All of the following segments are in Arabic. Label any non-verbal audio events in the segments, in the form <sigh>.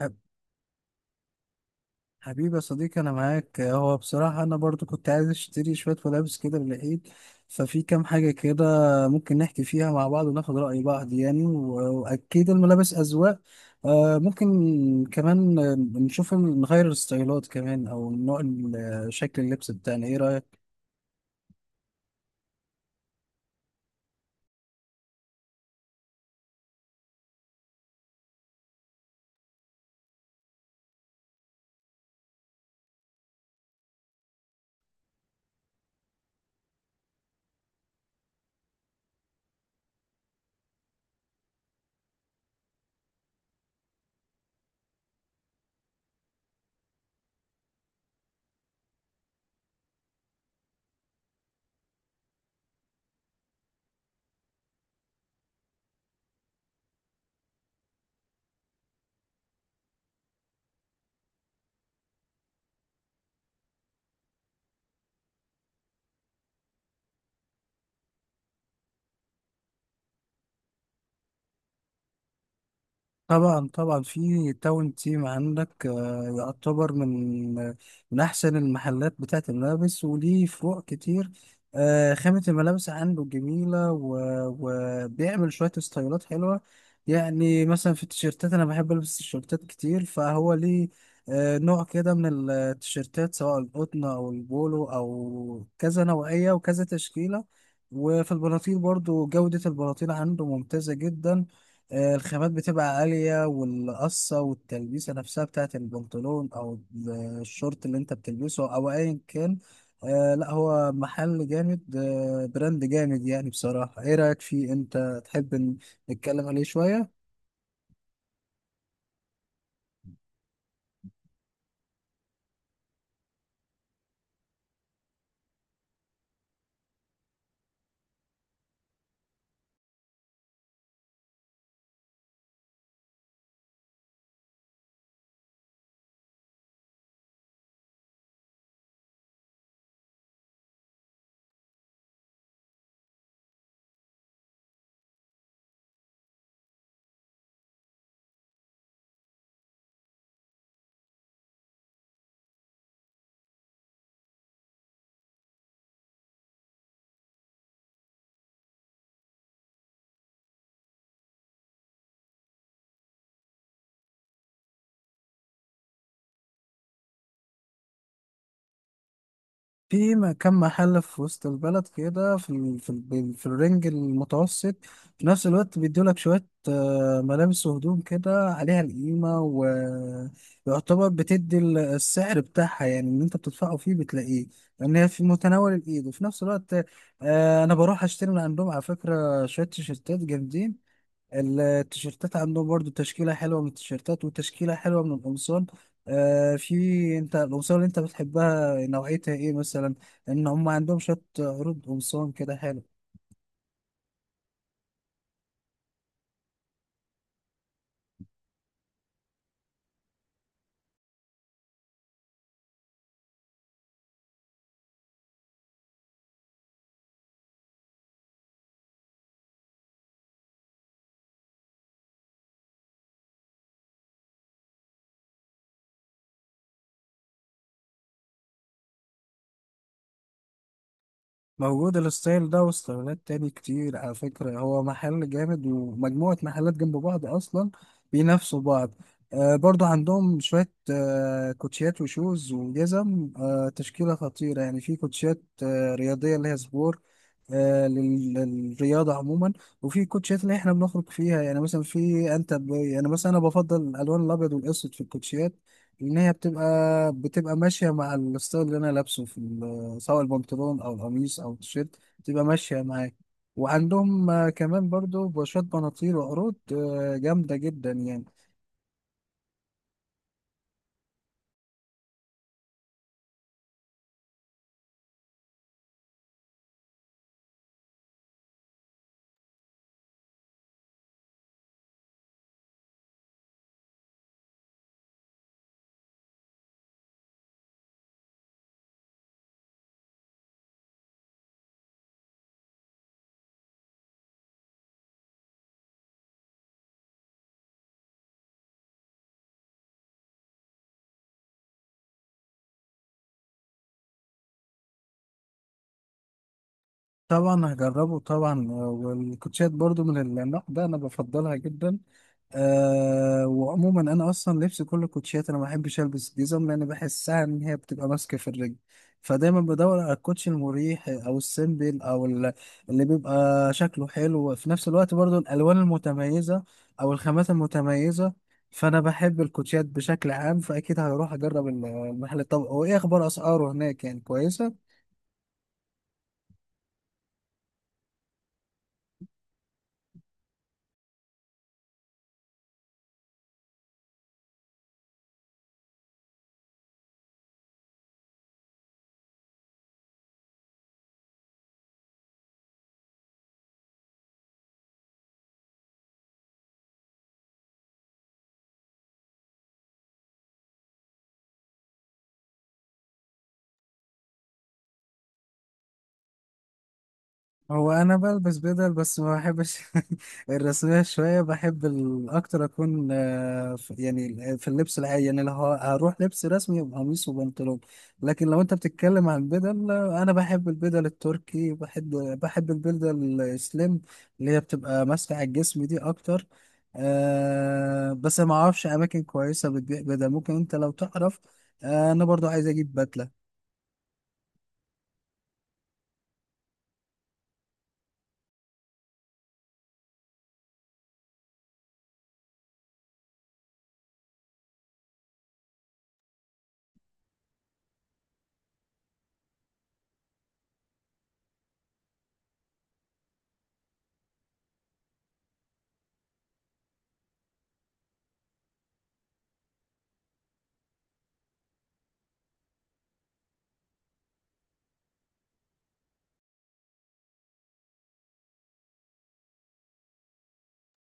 حب- حبيبي يا صديقي، انا معاك. هو بصراحة انا برضو كنت عايز اشتري شوية ملابس كده للعيد. ففي كام حاجة كده ممكن نحكي فيها مع بعض وناخد رأي بعض، يعني واكيد الملابس اذواق. ممكن كمان نشوف نغير الستايلات كمان او نوع شكل اللبس بتاعنا، ايه رأيك؟ طبعا طبعا، في تاون تيم عندك، يعتبر من من احسن المحلات بتاعه الملابس وليه فروع كتير. خامة الملابس عنده جميلة، وبيعمل شوية ستايلات حلوة. يعني مثلا في التيشيرتات أنا بحب ألبس تيشيرتات كتير، فهو ليه نوع كده من التيشيرتات، سواء القطن أو البولو أو كذا نوعية وكذا تشكيلة. وفي البناطيل برضو جودة البناطيل عنده ممتازة جدا. الخامات بتبقى عالية، والقصة والتلبيسة نفسها بتاعت البنطلون أو الشورت اللي أنت بتلبسه أو أيا كان. لا، هو محل جامد، براند جامد يعني بصراحة. إيه رأيك فيه، أنت تحب نتكلم عليه شوية؟ في كم محل في وسط البلد كده، في ال... في ال... في الرينج المتوسط، في نفس الوقت بيدولك شوية ملابس وهدوم كده عليها القيمة، ويعتبر بتدي السعر بتاعها، يعني اللي انت بتدفعه فيه بتلاقيه. لأن هي في متناول الإيد، وفي نفس الوقت أنا بروح أشتري من عندهم على فكرة شوية تيشيرتات جامدين. التيشيرتات عندهم برضو تشكيلة حلوة من التيشيرتات وتشكيلة حلوة من القمصان. آه، في انت القمصان اللي انت بتحبها نوعيتها ايه مثلا؟ ان هم عندهم شوية عروض قمصان كده حلو. موجود الستايل ده وستايلات تاني كتير على فكرة، هو محل جامد ومجموعة محلات جنب بعض أصلا بينافسوا بعض. برضو عندهم شوية كوتشيات وشوز وجزم، تشكيلة خطيرة. يعني في كوتشيات رياضية اللي هي سبور، للرياضة عموما. وفي كوتشيات اللي احنا بنخرج فيها، يعني مثلا في انت ب... يعني مثلا انا بفضل الالوان الابيض والاسود في الكوتشيات، لان هي بتبقى ماشية مع الستايل اللي انا لابسه، في سواء البنطلون او القميص او التيشيرت، تبقى ماشيه معاك. وعندهم كمان برضو بوشات بناطيل وعروض جامده جدا يعني. طبعا هجربه طبعا، والكوتشات برضو من النوع ده انا بفضلها جدا. أه، وعموما انا اصلا لبسي كله كوتشيات، انا ما بحبش البس جزم لان بحسها ان هي بتبقى ماسكه في الرجل. فدايما بدور على الكوتشي المريح او السيمبل او اللي بيبقى شكله حلو، وفي نفس الوقت برضو الالوان المتميزه او الخامات المتميزه. فانا بحب الكوتشيات بشكل عام، فاكيد هروح اجرب المحل. طب هو ايه اخبار اسعاره هناك، يعني كويسه؟ هو انا بلبس بدل بس ما بحبش <laughs> الرسميه شويه. بحب اكتر اكون يعني في اللبس العادي. يعني لو هروح لبس رسمي يبقى قميص وبنطلون. لكن لو انت بتتكلم عن البدل، انا بحب البدل التركي، بحب البدل السليم اللي هي بتبقى ماسكه على الجسم دي اكتر. أه بس ما اعرفش اماكن كويسه بتبيع بدل، ممكن انت لو تعرف. انا برضو عايز اجيب بدله.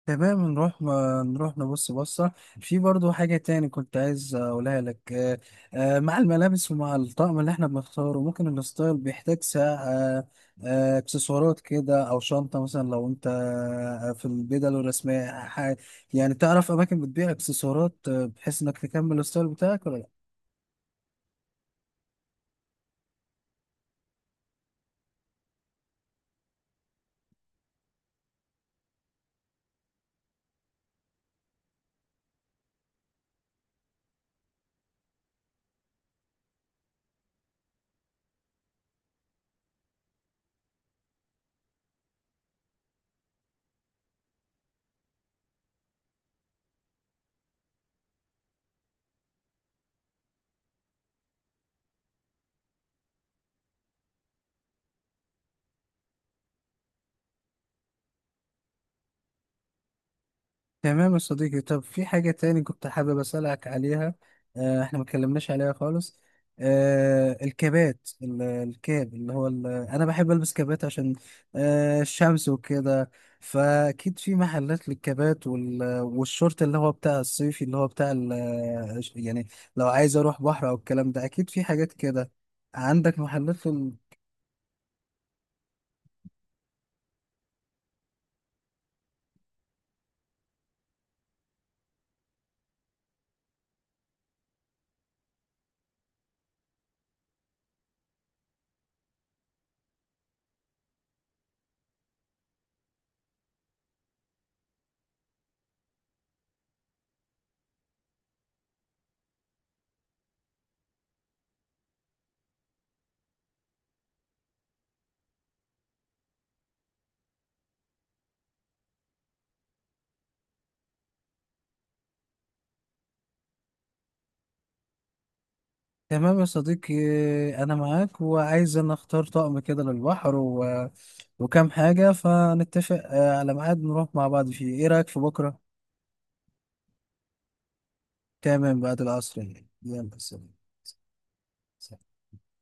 تمام نروح، نبص بصة. في برضو حاجة تاني كنت عايز أقولها لك. مع الملابس ومع الطقم اللي احنا بنختاره ممكن الستايل بيحتاج ساعة، اكسسوارات كده أو شنطة مثلا، لو أنت في البدل الرسمية. يعني تعرف أماكن بتبيع اكسسوارات بحيث إنك تكمل الستايل بتاعك، ولا لأ؟ تمام يا صديقي. طب في حاجة تاني كنت حابب أسألك عليها، احنا ما اتكلمناش عليها خالص. الكابات الكاب اللي هو انا بحب البس كابات عشان الشمس وكده. فاكيد في محلات للكابات والشورت اللي هو بتاع الصيفي اللي هو بتاع يعني لو عايز اروح بحر او الكلام ده، اكيد في حاجات كده عندك محلات. تمام يا صديقي، أنا معاك وعايز أن أختار طقم كده للبحر و... وكام حاجة، فنتفق على ميعاد نروح مع بعض فيه، إيه رأيك في بكرة؟ تمام، بعد العصر. يعني يلا سلام.